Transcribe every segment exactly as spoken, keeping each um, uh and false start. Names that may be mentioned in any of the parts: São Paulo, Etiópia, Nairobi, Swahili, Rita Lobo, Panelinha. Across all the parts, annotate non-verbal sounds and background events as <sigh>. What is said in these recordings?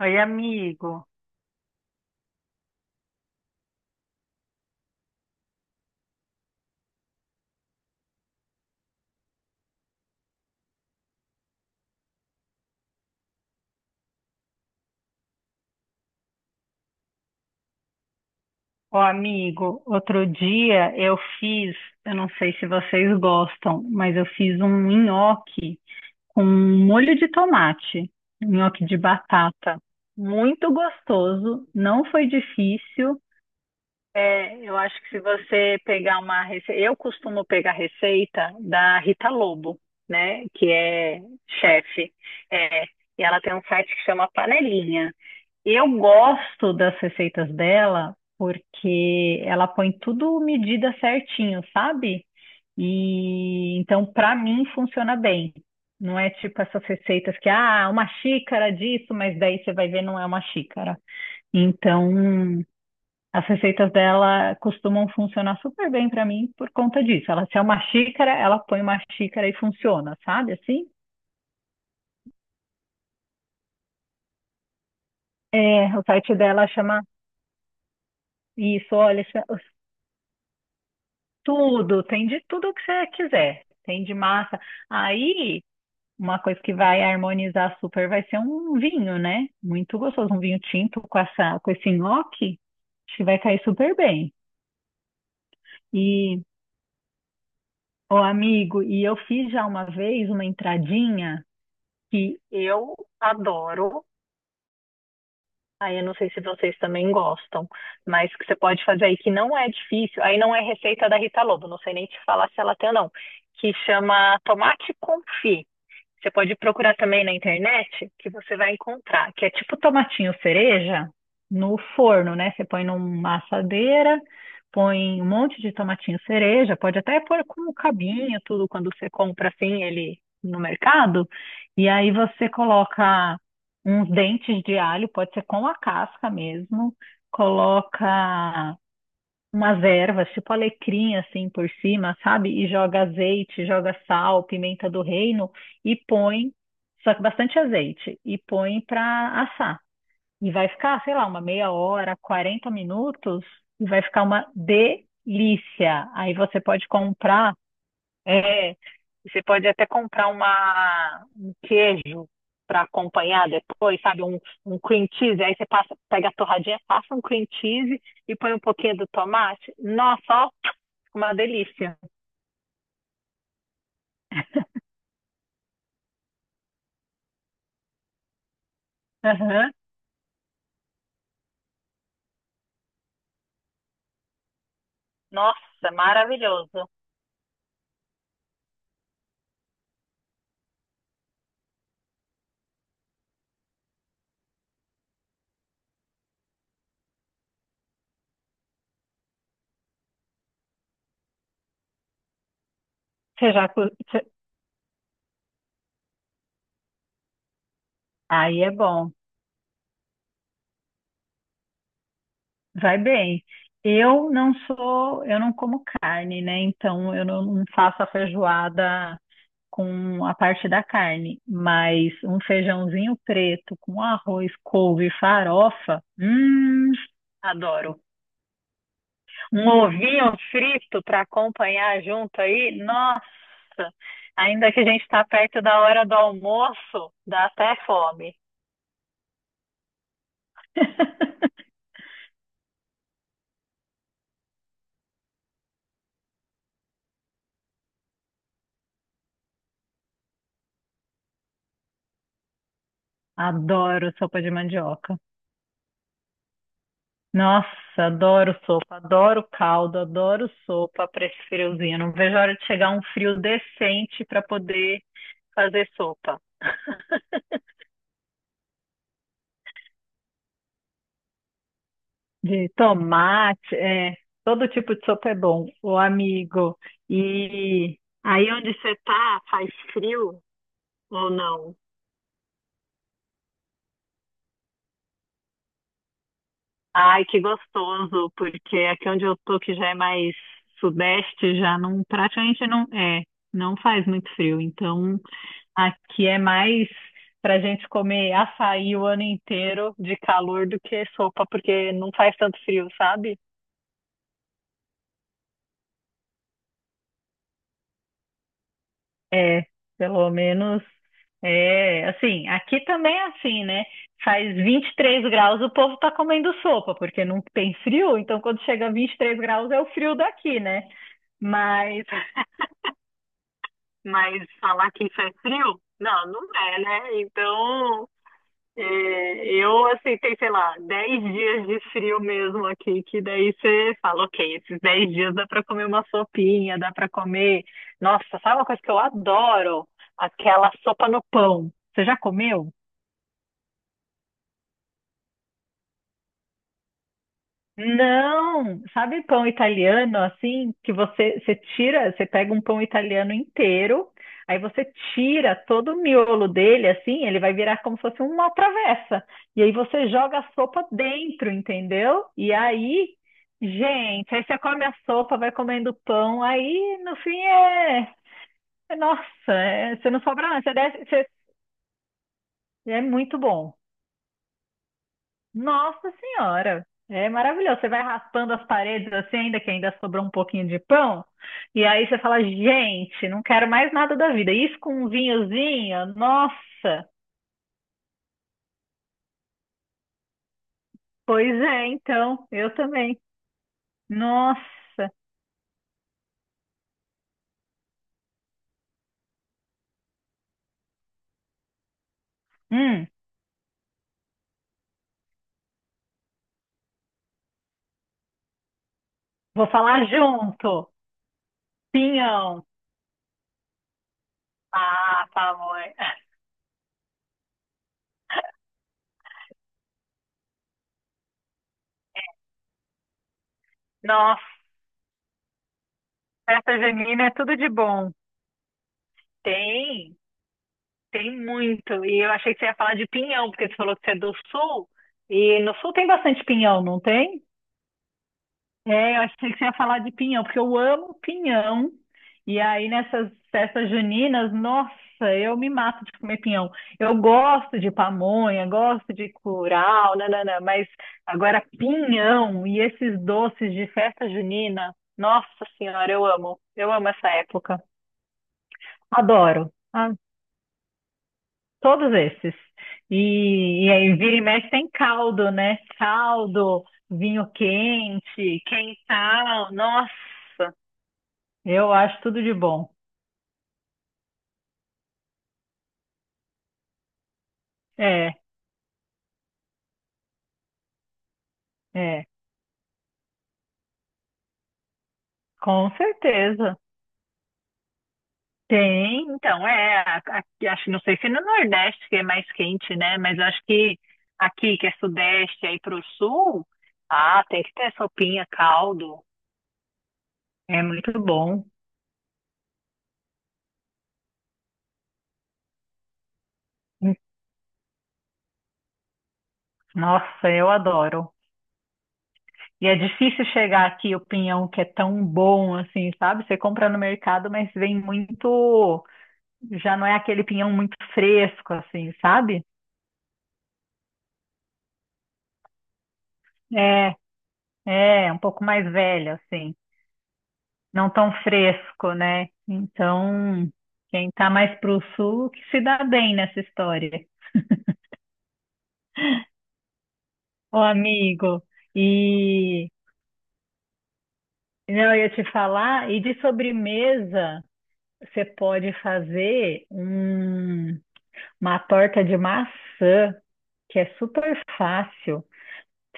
Oi, amigo. Ô, amigo, outro dia eu fiz, eu não sei se vocês gostam, mas eu fiz um nhoque com molho de tomate, nhoque de batata. Muito gostoso, não foi difícil. É, eu acho que se você pegar uma receita, eu costumo pegar receita da Rita Lobo, né, que é chefe. É, e ela tem um site que chama Panelinha. Eu gosto das receitas dela porque ela põe tudo medida certinho, sabe? E então para mim funciona bem. Não é tipo essas receitas que ah, uma xícara disso, mas daí você vai ver não é uma xícara. Então, as receitas dela costumam funcionar super bem para mim por conta disso. Ela se é uma xícara, ela põe uma xícara e funciona, sabe? Assim? É, o site dela chama isso, olha, tudo, tem de tudo que você quiser. Tem de massa. Aí, uma coisa que vai harmonizar super vai ser um vinho, né? Muito gostoso, um vinho tinto com essa, com esse nhoque. Acho que vai cair super bem. E, ô amigo, e eu fiz já uma vez uma entradinha que eu adoro. Aí eu não sei se vocês também gostam, mas que você pode fazer aí que não é difícil. Aí não é receita da Rita Lobo, não sei nem te falar se ela tem ou não. Que chama tomate confit. Você pode procurar também na internet, que você vai encontrar, que é tipo tomatinho cereja no forno, né? Você põe numa assadeira, põe um monte de tomatinho cereja, pode até pôr com o cabinho, tudo, quando você compra assim ele no mercado, e aí você coloca uns dentes de alho, pode ser com a casca mesmo, coloca umas ervas, tipo alecrim assim por cima, sabe? E joga azeite, joga sal, pimenta do reino e põe, só que bastante azeite, e põe para assar. E vai ficar, sei lá, uma meia hora, quarenta minutos, e vai ficar uma delícia. Aí você pode comprar é, você pode até comprar uma, um queijo para acompanhar depois, sabe? Um, um cream cheese. Aí você passa, pega a torradinha, passa um cream cheese e põe um pouquinho do tomate. Nossa, ó, uma delícia. Aham. Nossa, maravilhoso. Você já... co- você- Aí é bom, vai bem. Eu não sou, eu não como carne, né? Então eu não não faço a feijoada com a parte da carne, mas um feijãozinho preto com arroz, couve e farofa, hum, adoro. Um ovinho frito para acompanhar junto aí, nossa, ainda que a gente está perto da hora do almoço, dá até fome. <laughs> Adoro sopa de mandioca. Nossa, adoro sopa, adoro caldo, adoro sopa para esse friozinho. Não vejo a hora de chegar um frio decente para poder fazer sopa. De tomate, é, todo tipo de sopa é bom, ô amigo. E aí onde você tá, faz frio ou não? Ai, que gostoso, porque aqui onde eu tô, que já é mais sudeste, já não, praticamente não, é, não faz muito frio. Então, aqui é mais pra gente comer açaí o ano inteiro de calor do que sopa, porque não faz tanto frio, sabe? É, pelo menos é assim, aqui também é assim, né? Faz vinte e três graus, o povo tá comendo sopa, porque não tem frio, então quando chega a vinte e três graus é o frio daqui, né? Mas, mas falar que isso é frio? Não, não é, né? Então, é, eu aceitei, sei lá, dez dias de frio mesmo aqui, que daí você fala, ok, esses dez dias dá pra comer uma sopinha, dá pra comer. Nossa, sabe uma coisa que eu adoro? Aquela sopa no pão. Você já comeu? Não, sabe pão italiano assim que você você tira, você pega um pão italiano inteiro, aí você tira todo o miolo dele assim, ele vai virar como se fosse uma travessa. E aí você joga a sopa dentro, entendeu? E aí, gente, aí você come a sopa, vai comendo pão, aí no fim é, é- nossa, é- você não sobra nada, você desce, você- é muito bom. Nossa Senhora, é maravilhoso. Você vai raspando as paredes assim, ainda que ainda sobrou um pouquinho de pão, e aí você fala, gente, não quero mais nada da vida. Isso com um vinhozinho, nossa. Pois é, então, eu também. Nossa. Hum, vou falar junto. Pinhão. Ah, favor. Nossa, festa junina é tudo de bom. Tem, tem muito. E eu achei que você ia falar de pinhão, porque você falou que você é do sul. E no sul tem bastante pinhão, não tem? É, eu achei que você ia falar de pinhão, porque eu amo pinhão. E aí, nessas festas juninas, nossa, eu me mato de comer pinhão. Eu gosto de pamonha, gosto de curau, nanana, mas agora pinhão e esses doces de festa junina, nossa senhora, eu amo. Eu amo essa época. Adoro. Ah, todos esses. E, e aí, vira e mexe tem caldo, né? Caldo, vinho quente, quentão, nossa. Eu acho tudo de bom. É, é, com certeza. Tem, então, é, a- aqui, acho, não sei se no Nordeste que é mais quente, né? Mas eu acho que aqui, que é Sudeste, aí pro Sul, ah, tem que ter sopinha, caldo, é muito bom. Nossa, eu adoro. E é difícil chegar aqui o pinhão que é tão bom assim, sabe? Você compra no mercado, mas vem muito, já não é aquele pinhão muito fresco assim, sabe? É, é, um pouco mais velho, assim. Não tão fresco, né? Então, quem tá mais pro sul que se dá bem nessa história. Ô, amigo, e não, eu ia te falar, e de sobremesa, você pode fazer um- uma torta de maçã, que é super fácil.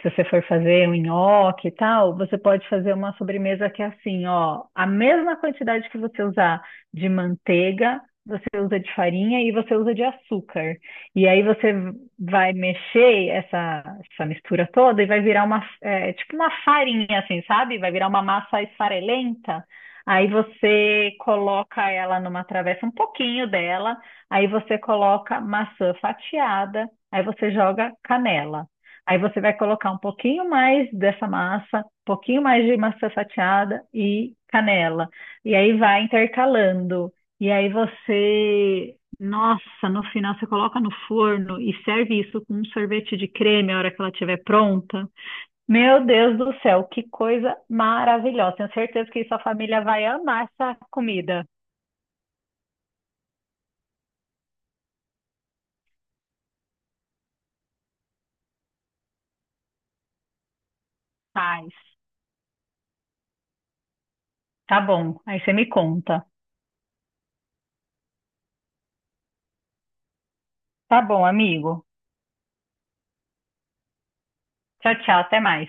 Se você for fazer um nhoque e tal, você pode fazer uma sobremesa que é assim, ó, a mesma quantidade que você usar de manteiga, você usa de farinha e você usa de açúcar. E aí você vai mexer essa, essa mistura toda e vai virar uma, é, tipo uma farinha, assim, sabe? Vai virar uma massa esfarelenta. Aí você coloca ela numa travessa, um pouquinho dela. Aí você coloca maçã fatiada. Aí você joga canela. Aí você vai colocar um pouquinho mais dessa massa, um pouquinho mais de maçã fatiada e canela. E aí vai intercalando. E aí você, nossa, no final você coloca no forno e serve isso com um sorvete de creme a hora que ela estiver pronta. Meu Deus do céu, que coisa maravilhosa. Tenho certeza que sua família vai amar essa comida. Faz. Tá bom. Aí você me conta. Tá bom, amigo. Tchau, tchau. Até mais.